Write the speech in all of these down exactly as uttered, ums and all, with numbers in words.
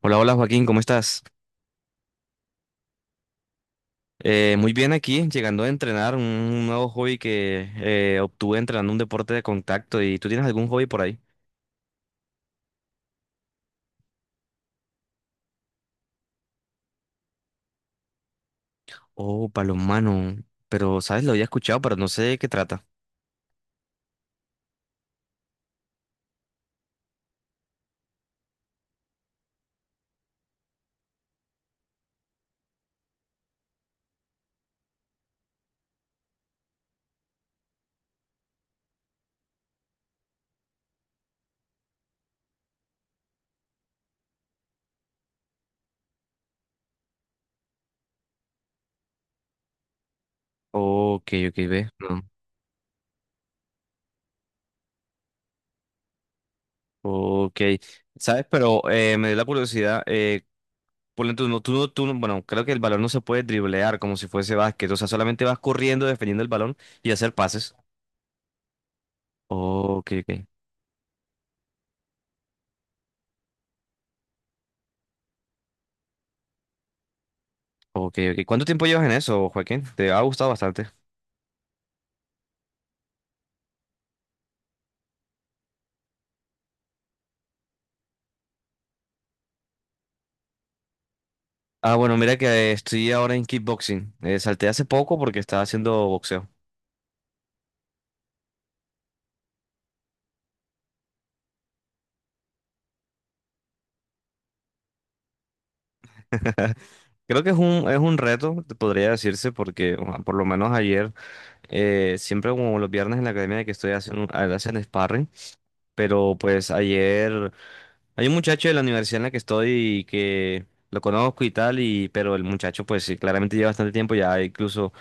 Hola, hola Joaquín, ¿cómo estás? Eh, muy bien aquí, llegando a entrenar un nuevo hobby que eh, obtuve entrenando un deporte de contacto. ¿Y tú tienes algún hobby por ahí? Oh, palomano. Pero, ¿sabes? Lo había escuchado, pero no sé de qué trata. Ok, ok, ve. No. Ok. ¿Sabes? Pero eh, me dio la curiosidad. Eh, por dentro, no, tú, no- tú, no- bueno, creo que el balón no se puede driblear como si fuese básquet. O sea, solamente vas corriendo, defendiendo el balón y hacer pases. Ok, ok. Ok, ok. ¿Cuánto tiempo llevas en eso, Joaquín? Te ha gustado bastante. Ah, bueno, mira que estoy ahora en kickboxing. Eh, salté hace poco porque estaba haciendo boxeo. Creo que es un, es un reto, te podría decirse, porque o sea, por lo menos ayer, eh, siempre como los viernes en la academia que estoy haciendo, un- hacen sparring, pero pues ayer hay un muchacho de la universidad en la que estoy y que lo conozco y tal, y, pero el muchacho pues sí, claramente lleva bastante tiempo, ya incluso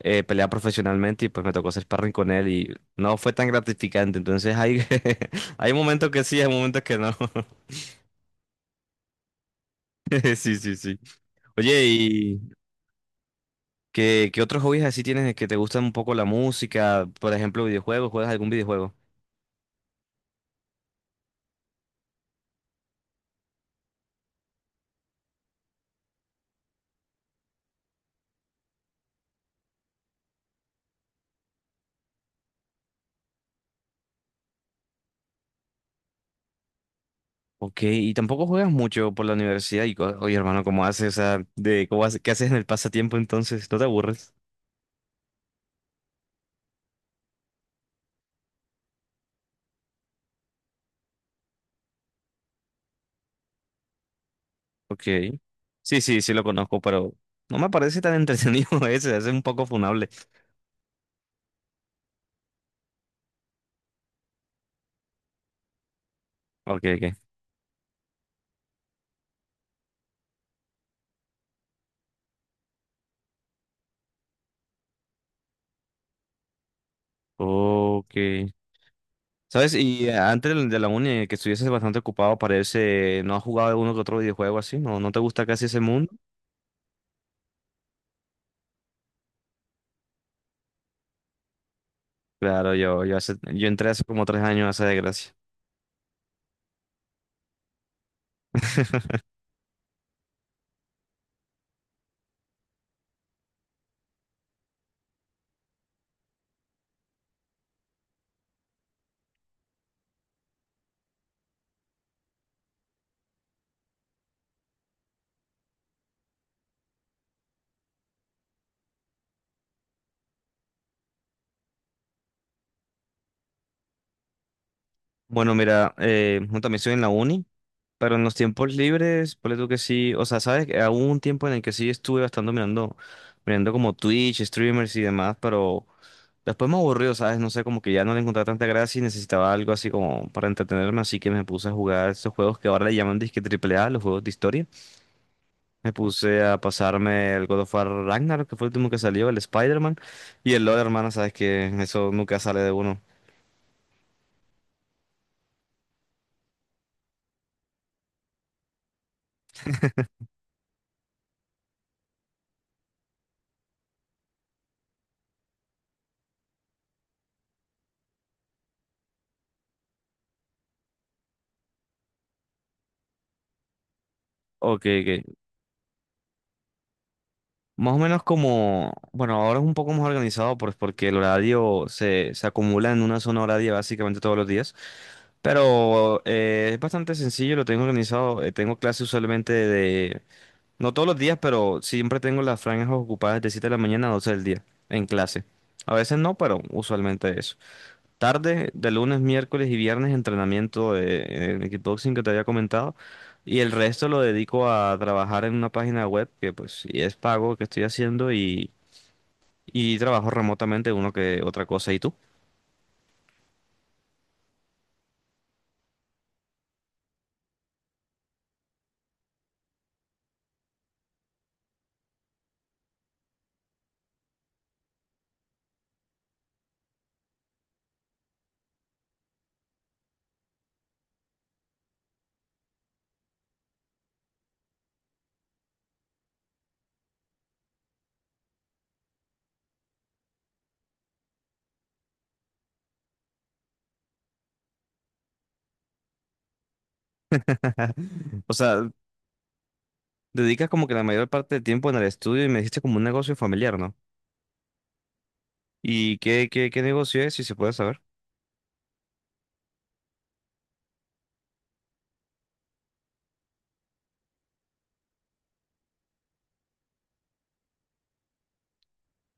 eh, pelea profesionalmente y pues me tocó hacer sparring con él y no fue tan gratificante, entonces hay, hay momentos que sí, hay momentos que no. Sí, sí, sí. Oye, ¿y qué, qué otros hobbies así tienes que te gustan un poco la música? Por ejemplo, videojuegos, ¿juegas algún videojuego? Ok, y tampoco juegas mucho por la universidad y, co- oye, hermano, ¿cómo haces esa de cómo haces, qué haces en el pasatiempo entonces? ¿No te aburres? Ok. Sí, sí, sí lo conozco, pero no me parece tan entretenido ese, ese es un poco funable. Ok, ok. Ok. ¿Sabes? Y antes de de la uni, que estuvieses bastante ocupado, parece, ¿no has jugado uno que otro videojuego así? ¿No, no te gusta casi ese mundo? Claro, yo, yo, hace, yo entré hace como tres años a esa desgracia. Bueno, mira, eh, yo también estoy en la uni, pero en los tiempos libres, ponle tú que sí, o sea, sabes que hubo un tiempo en el que sí estuve bastante mirando, mirando como Twitch, streamers y demás, pero después me aburrió, ¿sabes? No sé, como que ya no le encontraba tanta gracia y necesitaba algo así como para entretenerme, así que me puse a jugar esos juegos que ahora le llaman disque triple A, los juegos de historia. Me puse a pasarme el God of War Ragnar, que fue el último que salió, el Spider-Man. Y el LoL, hermano, sabes que eso nunca sale de uno. Ok, ok. Más o menos como, bueno, ahora es un poco más organizado pues, porque el horario se, se acumula en una zona horaria básicamente todos los días. Pero eh, es bastante sencillo, lo tengo organizado. Eh, tengo clases usualmente de, no todos los días, pero siempre tengo las franjas ocupadas de siete de la mañana a doce del día en clase. A veces no, pero usualmente eso. Tarde, de lunes, miércoles y viernes, entrenamiento de, en kickboxing que te había comentado. Y el resto lo dedico a trabajar en una página web que pues sí es pago que estoy haciendo y, y trabajo remotamente uno que otra cosa. ¿Y tú? O sea, dedicas como que la mayor parte del tiempo en el estudio y me dijiste como un negocio familiar, ¿no? ¿Y qué, qué, qué negocio es, si se puede saber?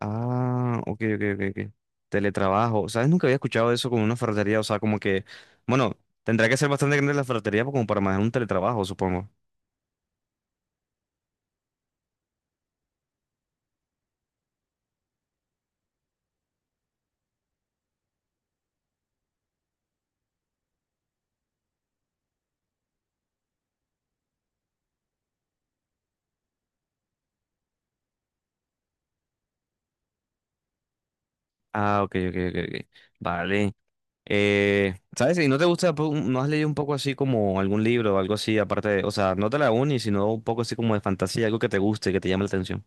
Ah, ok, ok, ok, ok. Teletrabajo. ¿Sabes? Nunca había escuchado eso como una ferretería. O sea, como que, bueno, tendrá que ser bastante grande la ferretería como para manejar un teletrabajo, supongo. Ah, ok, ok, ok, ok. Vale. Eh, ¿sabes? ¿Y no te gusta, po- no has leído un poco así como algún libro o algo así, aparte de, o sea, no de la uni, sino un poco así como de fantasía, algo que te guste, que te llame la atención?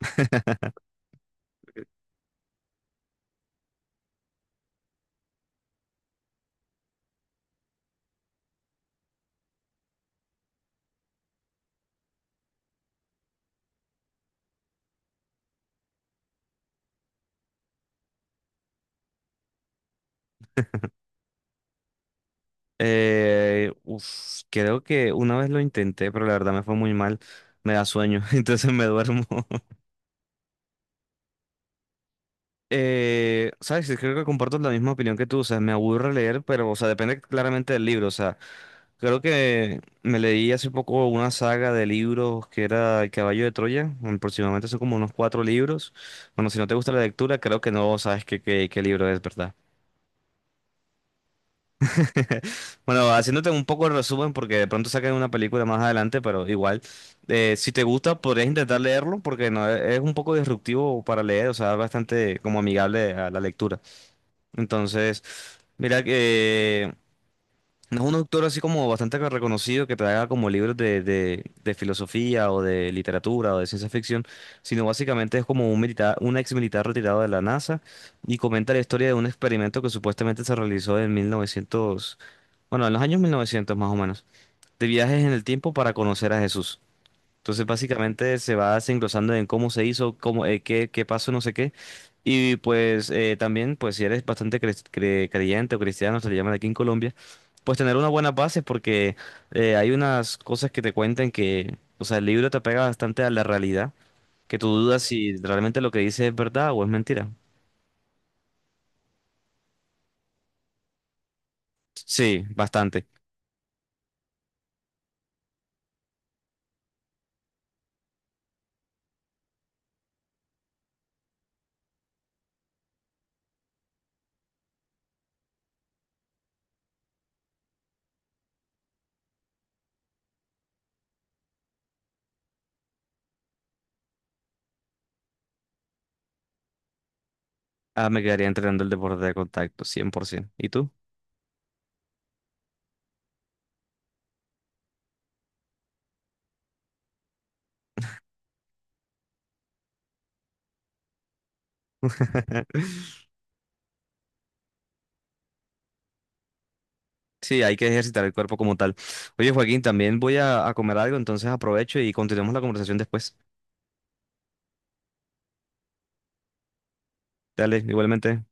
Eh, uf, creo que una vez lo intenté, pero la verdad me fue muy mal. Me da sueño, entonces me duermo. Eh, ¿sabes? Sí, creo que comparto la misma opinión que tú, o sea, me aburre leer, pero, o sea, depende claramente del libro, o sea, creo que me leí hace poco una saga de libros que era El Caballo de Troya, aproximadamente son como unos cuatro libros, bueno, si no te gusta la lectura, creo que no sabes qué, qué, qué libro es, ¿verdad? Bueno, haciéndote un poco el resumen, porque de pronto sacan una película más adelante, pero igual, eh, si te gusta, podrías intentar leerlo, porque no, es es un poco disruptivo para leer, o sea, es bastante como amigable a la lectura. Entonces, mira que no es un autor así como bastante reconocido que te haga como libros de, de- de filosofía o de literatura o de ciencia ficción, sino básicamente es como un militar, un ex militar retirado de la NASA y comenta la historia de un experimento que supuestamente se realizó en mil novecientos, bueno, en los años mil novecientos más o menos, de viajes en el tiempo para conocer a Jesús. Entonces, básicamente se va desenglosando en cómo se hizo, cómo, eh, qué, qué pasó, no sé qué. Y pues eh, también, pues si eres bastante cre- cre- creyente o cristiano, se le llaman aquí en Colombia, pues tener unas buenas bases porque eh, hay unas cosas que te cuentan que, o sea, el libro te pega bastante a la realidad, que tú dudas si realmente lo que dice es verdad o es mentira. Sí, bastante. Ah, me quedaría entrenando el deporte de contacto, cien por ciento. ¿Y tú? Sí, hay que ejercitar el cuerpo como tal. Oye, Joaquín, también voy a, a comer algo, entonces aprovecho y continuamos la conversación después. Dale, igualmente.